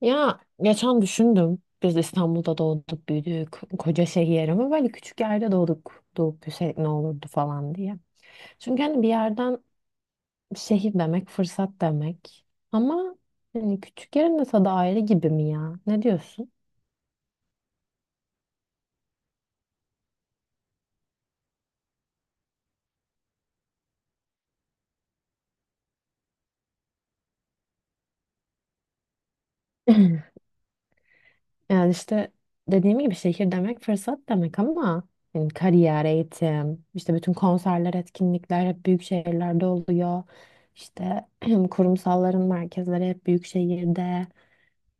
Ya geçen düşündüm. Biz İstanbul'da doğduk, büyüdük. Koca şehir ama böyle küçük yerde doğduk. Doğup büyüsek ne olurdu falan diye. Çünkü hani bir yerden şehir demek, fırsat demek. Ama hani küçük yerin de tadı ayrı gibi mi ya? Ne diyorsun? Yani işte dediğim gibi şehir demek fırsat demek ama yani kariyer, eğitim, işte bütün konserler, etkinlikler hep büyük şehirlerde oluyor. İşte kurumsalların merkezleri hep büyük şehirde.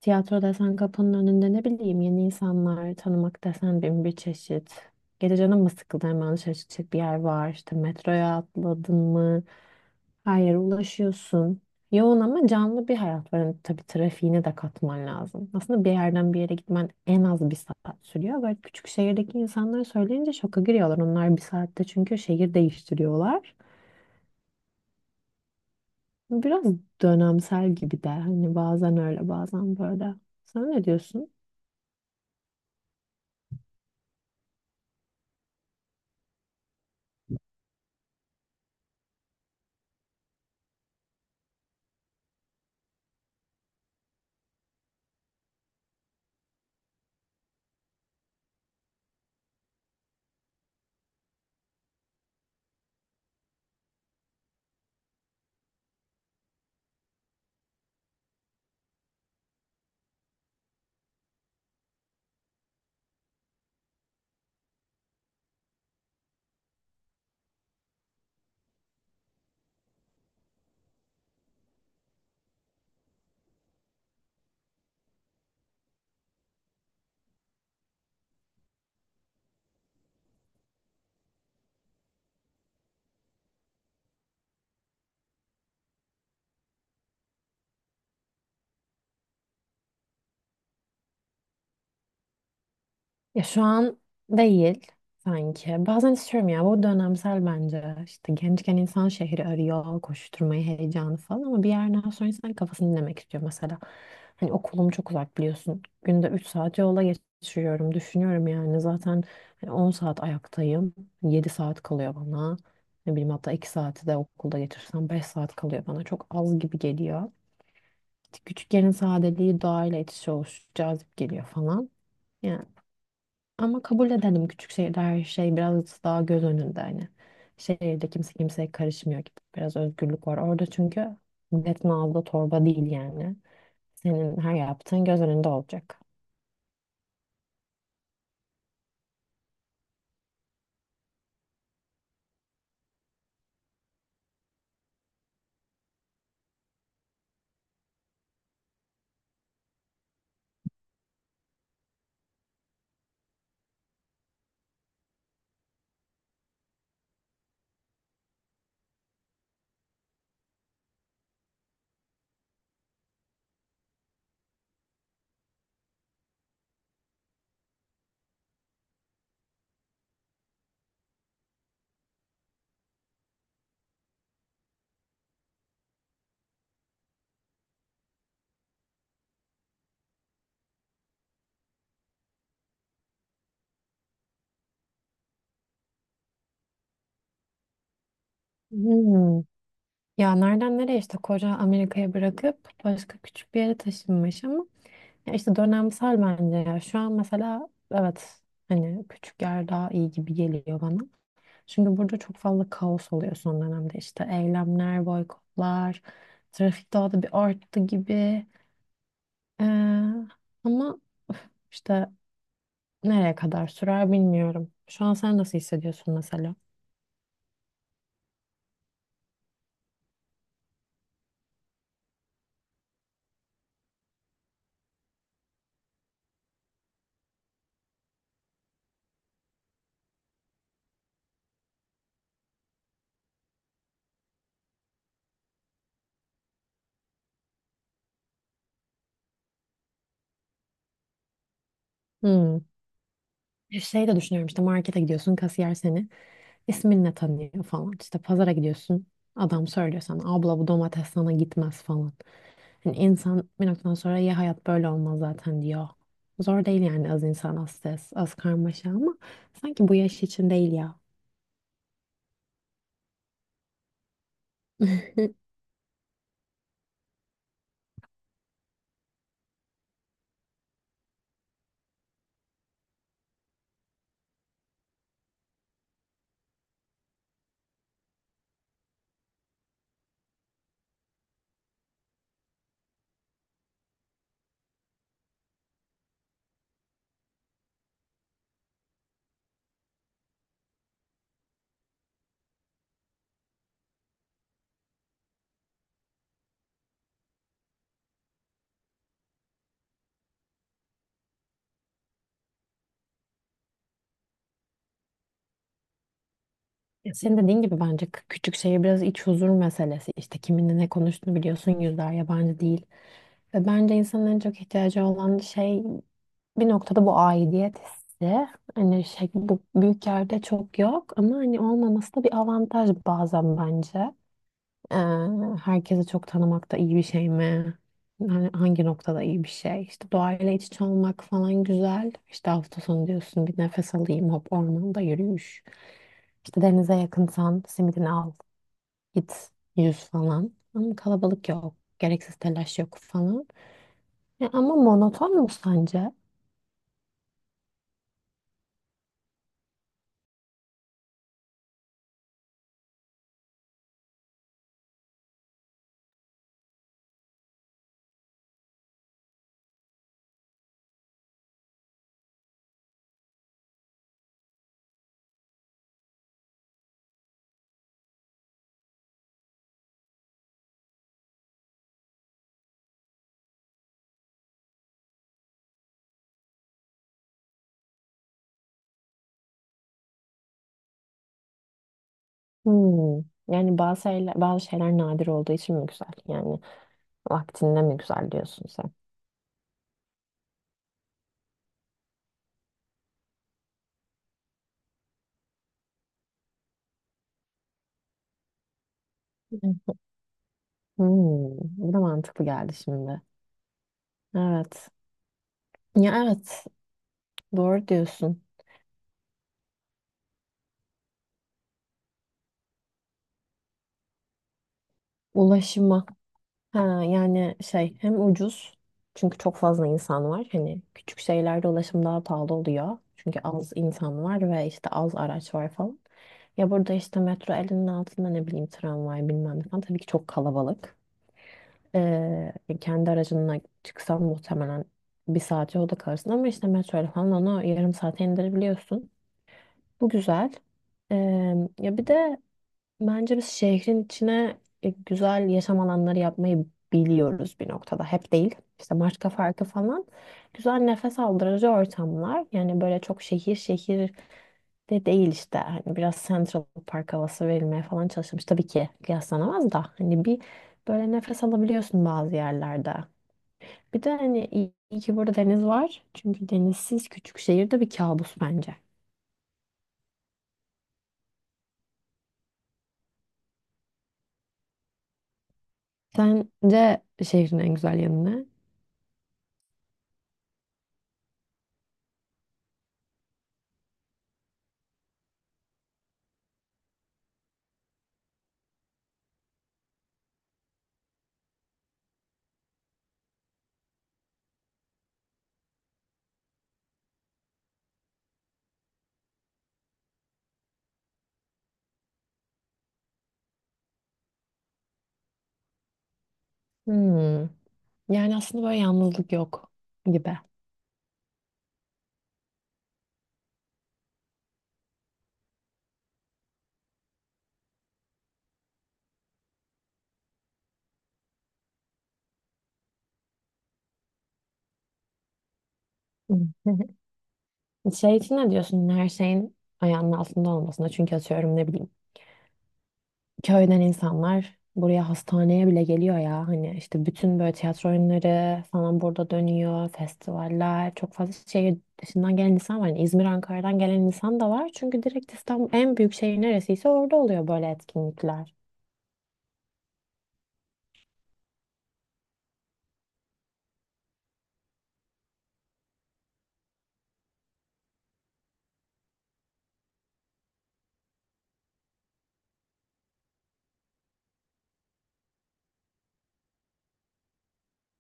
Tiyatro desen kapının önünde ne bileyim yeni insanlar tanımak desen bin bir çeşit. Gece canın mı sıkıldı hemen dışarı çıkacak bir yer var. İşte metroya atladın mı? Her yere ulaşıyorsun. Yoğun ama canlı bir hayat var. Yani tabii trafiğini de katman lazım. Aslında bir yerden bir yere gitmen en az bir saat sürüyor. Böyle küçük şehirdeki insanlar söyleyince şoka giriyorlar. Onlar bir saatte çünkü şehir değiştiriyorlar. Biraz dönemsel gibi de. Hani bazen öyle bazen böyle. Sen ne diyorsun? Ya şu an değil sanki. Bazen istiyorum ya bu dönemsel bence. İşte gençken insan şehri arıyor, koşturmayı, heyecanı falan ama bir yerden sonra insan kafasını dinlemek istiyor mesela. Hani okulum çok uzak biliyorsun. Günde 3 saat yola geçiriyorum. Düşünüyorum yani zaten hani 10 saat ayaktayım. 7 saat kalıyor bana. Ne bileyim hatta 2 saati de okulda geçirsem 5 saat kalıyor bana. Çok az gibi geliyor. Küçük sadeliği doğayla iç içe oluşu cazip geliyor falan. Ama kabul edelim küçük şehirde her şey biraz daha göz önünde hani. Şehirde kimse kimseye karışmıyor gibi. Biraz özgürlük var. Orada çünkü milletin aldığı torba değil yani. Senin her yaptığın göz önünde olacak. Hmm. Ya nereden nereye işte koca Amerika'ya bırakıp başka küçük bir yere taşınmış ama ya işte dönemsel bence ya. Şu an mesela evet hani küçük yer daha iyi gibi geliyor bana. Şimdi burada çok fazla kaos oluyor son dönemde. İşte eylemler, boykotlar, trafik daha da bir arttı gibi. Ee, ama üf, işte nereye kadar sürer bilmiyorum. Şu an sen nasıl hissediyorsun mesela? Hmm. Bir şey de düşünüyorum işte markete gidiyorsun kasiyer seni isminle tanıyor falan. İşte pazara gidiyorsun adam söylüyor sana abla bu domates sana gitmez falan. Hani insan bir noktadan sonra ya hayat böyle olmaz zaten diyor. Zor değil yani az insan az stres az karmaşa ama sanki bu yaş için değil ya. Senin dediğin gibi bence küçük şehir biraz iç huzur meselesi. İşte kiminle ne konuştuğunu biliyorsun yüzler yabancı değil. Ve bence insanın en çok ihtiyacı olan şey bir noktada bu aidiyet hissi. Hani şey bu büyük yerde çok yok ama hani olmaması da bir avantaj bazen bence. Ee, Herkesi çok tanımak da iyi bir şey mi? Yani hangi noktada iyi bir şey? İşte doğayla iç içe olmak falan güzel. İşte hafta sonu diyorsun bir nefes alayım hop ormanda yürüyüş. İşte denize yakınsan simidini al git yüz falan. Ama kalabalık yok. Gereksiz telaş yok falan. Ya ama monoton mu sence? Hmm. Yani bazı şeyler nadir olduğu için mi güzel? Yani vaktinde mi güzel diyorsun sen? Hı. Hmm. Bu da mantıklı geldi şimdi. Evet. Ya evet. Doğru diyorsun. Ulaşıma. Ha, yani şey hem ucuz çünkü çok fazla insan var. Hani küçük şeylerde ulaşım daha pahalı oluyor. Çünkü az insan var ve işte az araç var falan. Ya burada işte metro elinin altında ne bileyim tramvay bilmem ne falan tabii ki çok kalabalık. Ee, Kendi aracınla çıksan muhtemelen bir saat yolda kalırsın ama işte metroyla falan onu yarım saate indirebiliyorsun. Bu güzel. Ee, Ya bir de bence biz şehrin içine güzel yaşam alanları yapmayı biliyoruz bir noktada. Hep değil. İşte Maçka Parkı falan. Güzel nefes aldırıcı ortamlar. Yani böyle çok şehir şehir de değil işte. Hani biraz Central Park havası verilmeye falan çalışılmış. Tabii ki kıyaslanamaz da. Hani bir böyle nefes alabiliyorsun bazı yerlerde. Bir de hani iyi, iyi ki burada deniz var. Çünkü denizsiz küçük şehirde bir kabus bence. Sence şehrin en güzel yanı ne? Hmm. Yani aslında böyle yalnızlık yok gibi. Şey için ne diyorsun? Her şeyin ayağının altında olmasına. Çünkü atıyorum ne bileyim köyden insanlar buraya hastaneye bile geliyor ya. Hani işte bütün böyle tiyatro oyunları falan burada dönüyor. Festivaller. Çok fazla şehir dışından gelen insan var. Yani İzmir, Ankara'dan gelen insan da var. Çünkü direkt İstanbul en büyük şehir neresiyse orada oluyor böyle etkinlikler.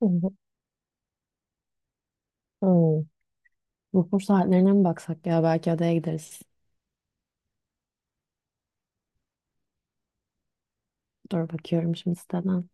Hı hı. Hmm. Vapur saatlerine mi baksak ya? Belki adaya gideriz. Dur bakıyorum şimdi siteden.